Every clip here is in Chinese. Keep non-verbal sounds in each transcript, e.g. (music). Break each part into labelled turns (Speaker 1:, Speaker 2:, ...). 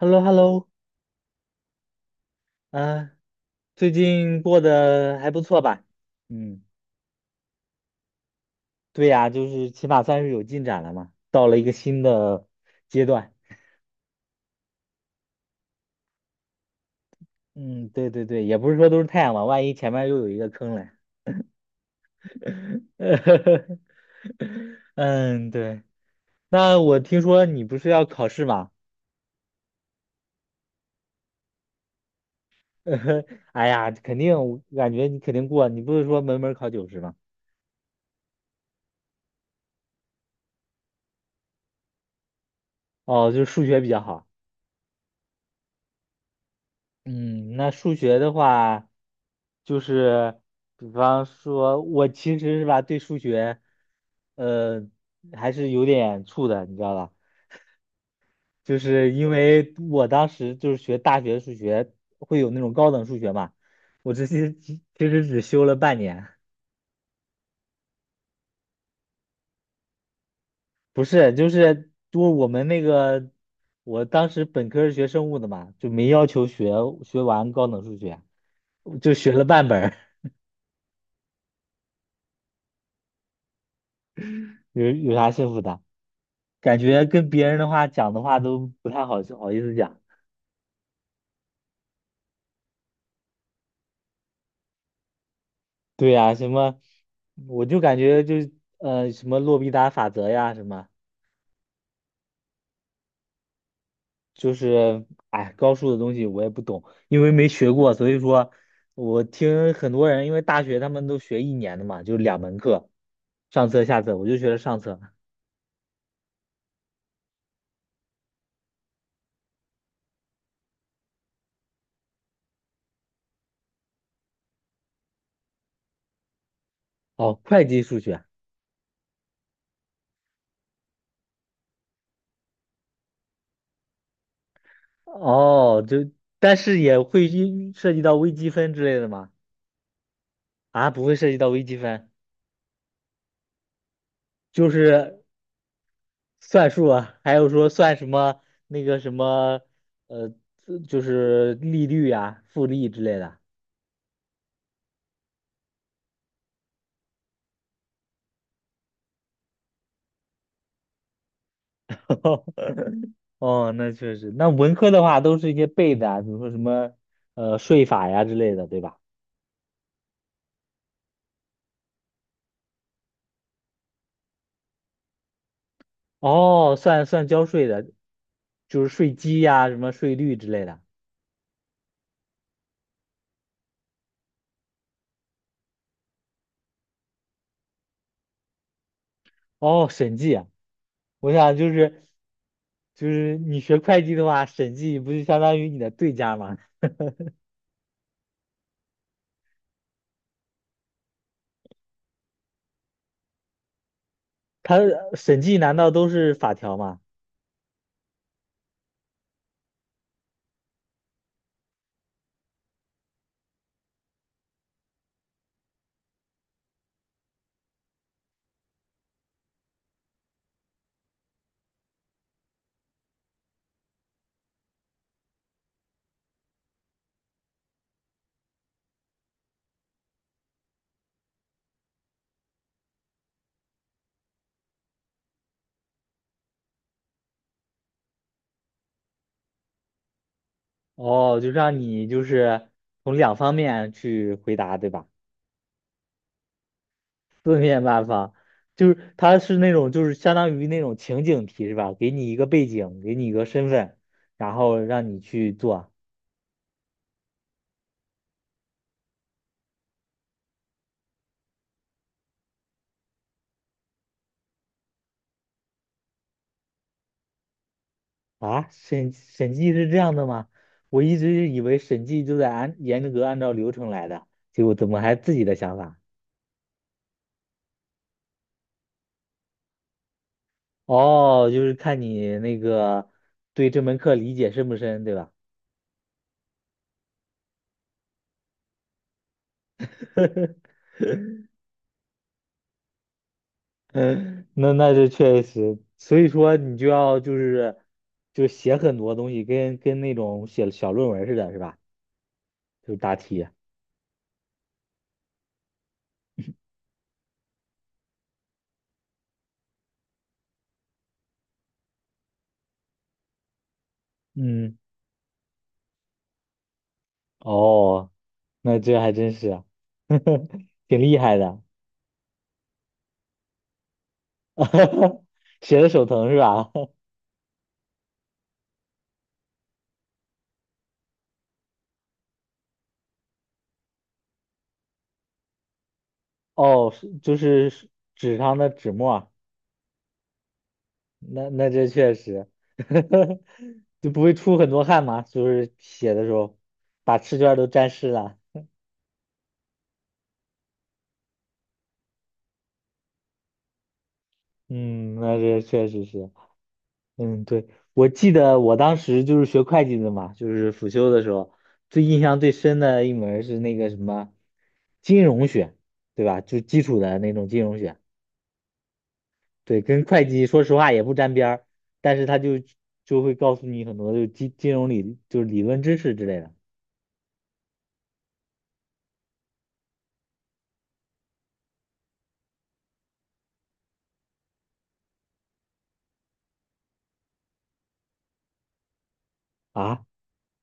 Speaker 1: h e l l o h e l l o 啊，最近过得还不错吧？嗯，对呀，就是起码算是有进展了嘛，到了一个新的阶段。嗯，对对对，也不是说都是太阳嘛，万一前面又有一个坑嘞。(laughs) 嗯，对。那我听说你不是要考试吗？(laughs) 哎呀，肯定，我感觉你肯定过，你不是说门门儿考90吗？哦，就是数学比较好。嗯，那数学的话，就是比方说，我其实是吧，对数学，呃，还是有点怵的，你知道吧？就是因为我当时就是学大学数学，会有那种高等数学嘛，我这些其实只修了半年，不是，就是多我们那个，我当时本科是学生物的嘛，就没要求学完高等数学，就学了半本儿，有有啥幸福的？感觉跟别人的话讲的话都不太好好意思讲。对呀、什么，我就感觉就什么洛必达法则呀，什么就是哎高数的东西我也不懂，因为没学过，所以说我听很多人，因为大学他们都学一年的嘛，就2门课，上册下册，我就学了上册。哦，会计数学，哦，就但是也会一涉及到微积分之类的吗？啊，不会涉及到微积分，就是。算数啊，还有说算什么那个什么，呃，就是利率啊、复利之类的。(laughs) 哦，那确实，那文科的话都是一些背的啊比如说什么呃税法呀之类的，对吧？哦，算算交税的，就是税基呀、什么税率之类的。哦，审计啊，我想就是就是你学会计的话，审计不就相当于你的对家吗？它审计难道都是法条吗？哦，就让你就是从两方面去回答，对吧？四面八方，就是它是那种就是相当于那种情景题是吧？给你一个背景，给你一个身份，然后让你去做啊。审计是这样的吗？我一直以为审计就在按严格按照流程来的，结果怎么还自己的想法？哦，就是看你那个对这门课理解深不深，对吧？(laughs) 嗯，那那是确实，所以说你就要就是就写很多东西，跟那种写小论文似的，是吧？就是答题。嗯，哦，那这还真是挺厉害的，(laughs) 写的手疼是吧？(laughs) 哦，是就是纸上的纸墨啊，那那这确实，(laughs) 就不会出很多汗嘛，就是写的时候把试卷都沾湿了。嗯，那这确实是。嗯，对，我记得我当时就是学会计的嘛，就是辅修的时候，最印象最深的一门儿是那个什么金融学，对吧？就基础的那种金融学，对，跟会计说实话也不沾边儿，但是他就就会告诉你很多就是金融就是理论知识之类的啊，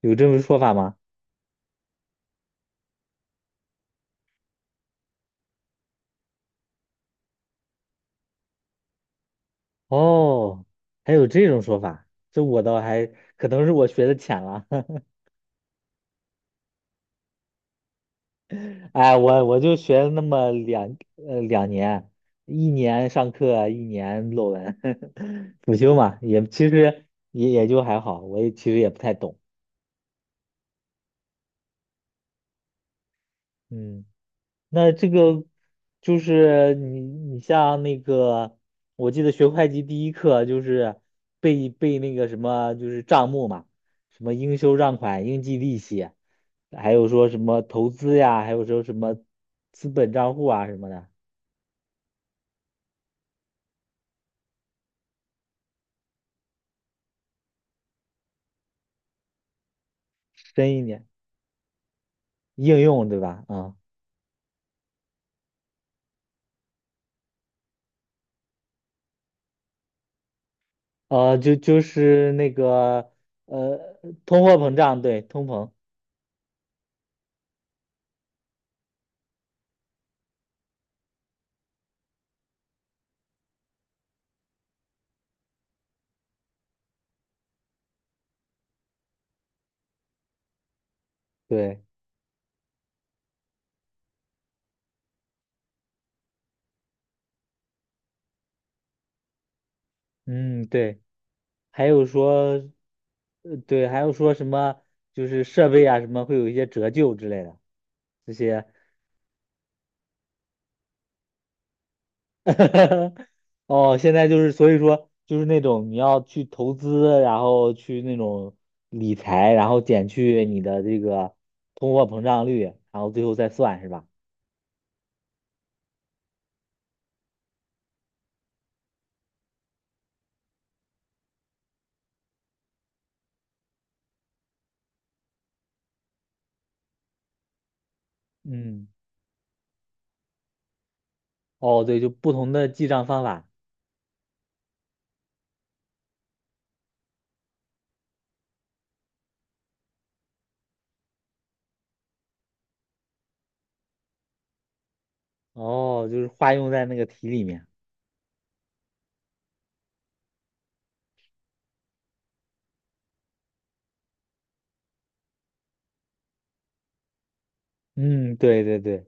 Speaker 1: 有这种说法吗？哦，还有这种说法，这我倒还可能是我学的浅了，(laughs) 哎，我就学了那么两2年，1年上课，1年论文，(laughs) 辅修嘛，也其实也也就还好，我也其实也不太懂。嗯，那这个就是你你像那个，我记得学会计第一课就是背背那个什么，就是账目嘛，什么应收账款、应计利息，还有说什么投资呀，还有说什么资本账户啊什么的，深一点应用对吧？啊、就就是那个呃，通货膨胀，对，通膨，对，嗯，对，还有说，对，还有说什么，就是设备啊什么会有一些折旧之类的，这些，(laughs) 哦，现在就是所以说就是那种你要去投资，然后去那种理财，然后减去你的这个通货膨胀率，然后最后再算是吧？嗯，哦，对，就不同的记账方法。哦，就是化用在那个题里面。嗯，对对对，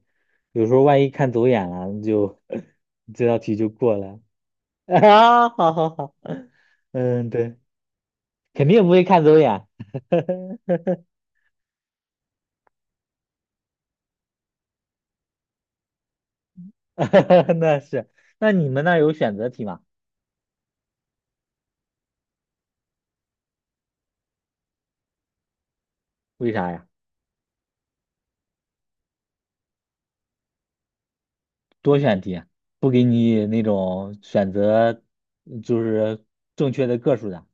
Speaker 1: 有时候万一看走眼了，就 (laughs) 这道题就过了。(laughs) 啊，好好好，嗯，对，肯定不会看走眼。(laughs) (laughs) 那是，那你们那儿有选择题吗？为啥呀？多选题啊不给你那种选择，就是正确的个数的。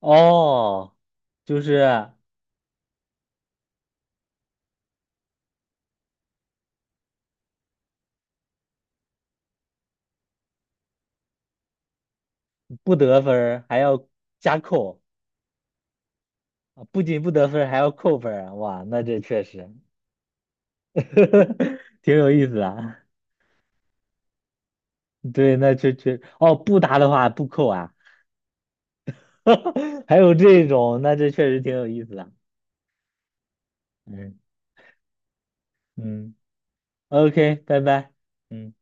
Speaker 1: 哦，就是不得分儿还要加扣。啊，不仅不得分儿，还要扣分儿啊！哇，那这确实 (laughs) 挺有意思啊。对，那确确哦，不答的话不扣啊，(laughs) 还有这种，那这确实挺有意思的啊。嗯嗯，OK，拜拜。嗯。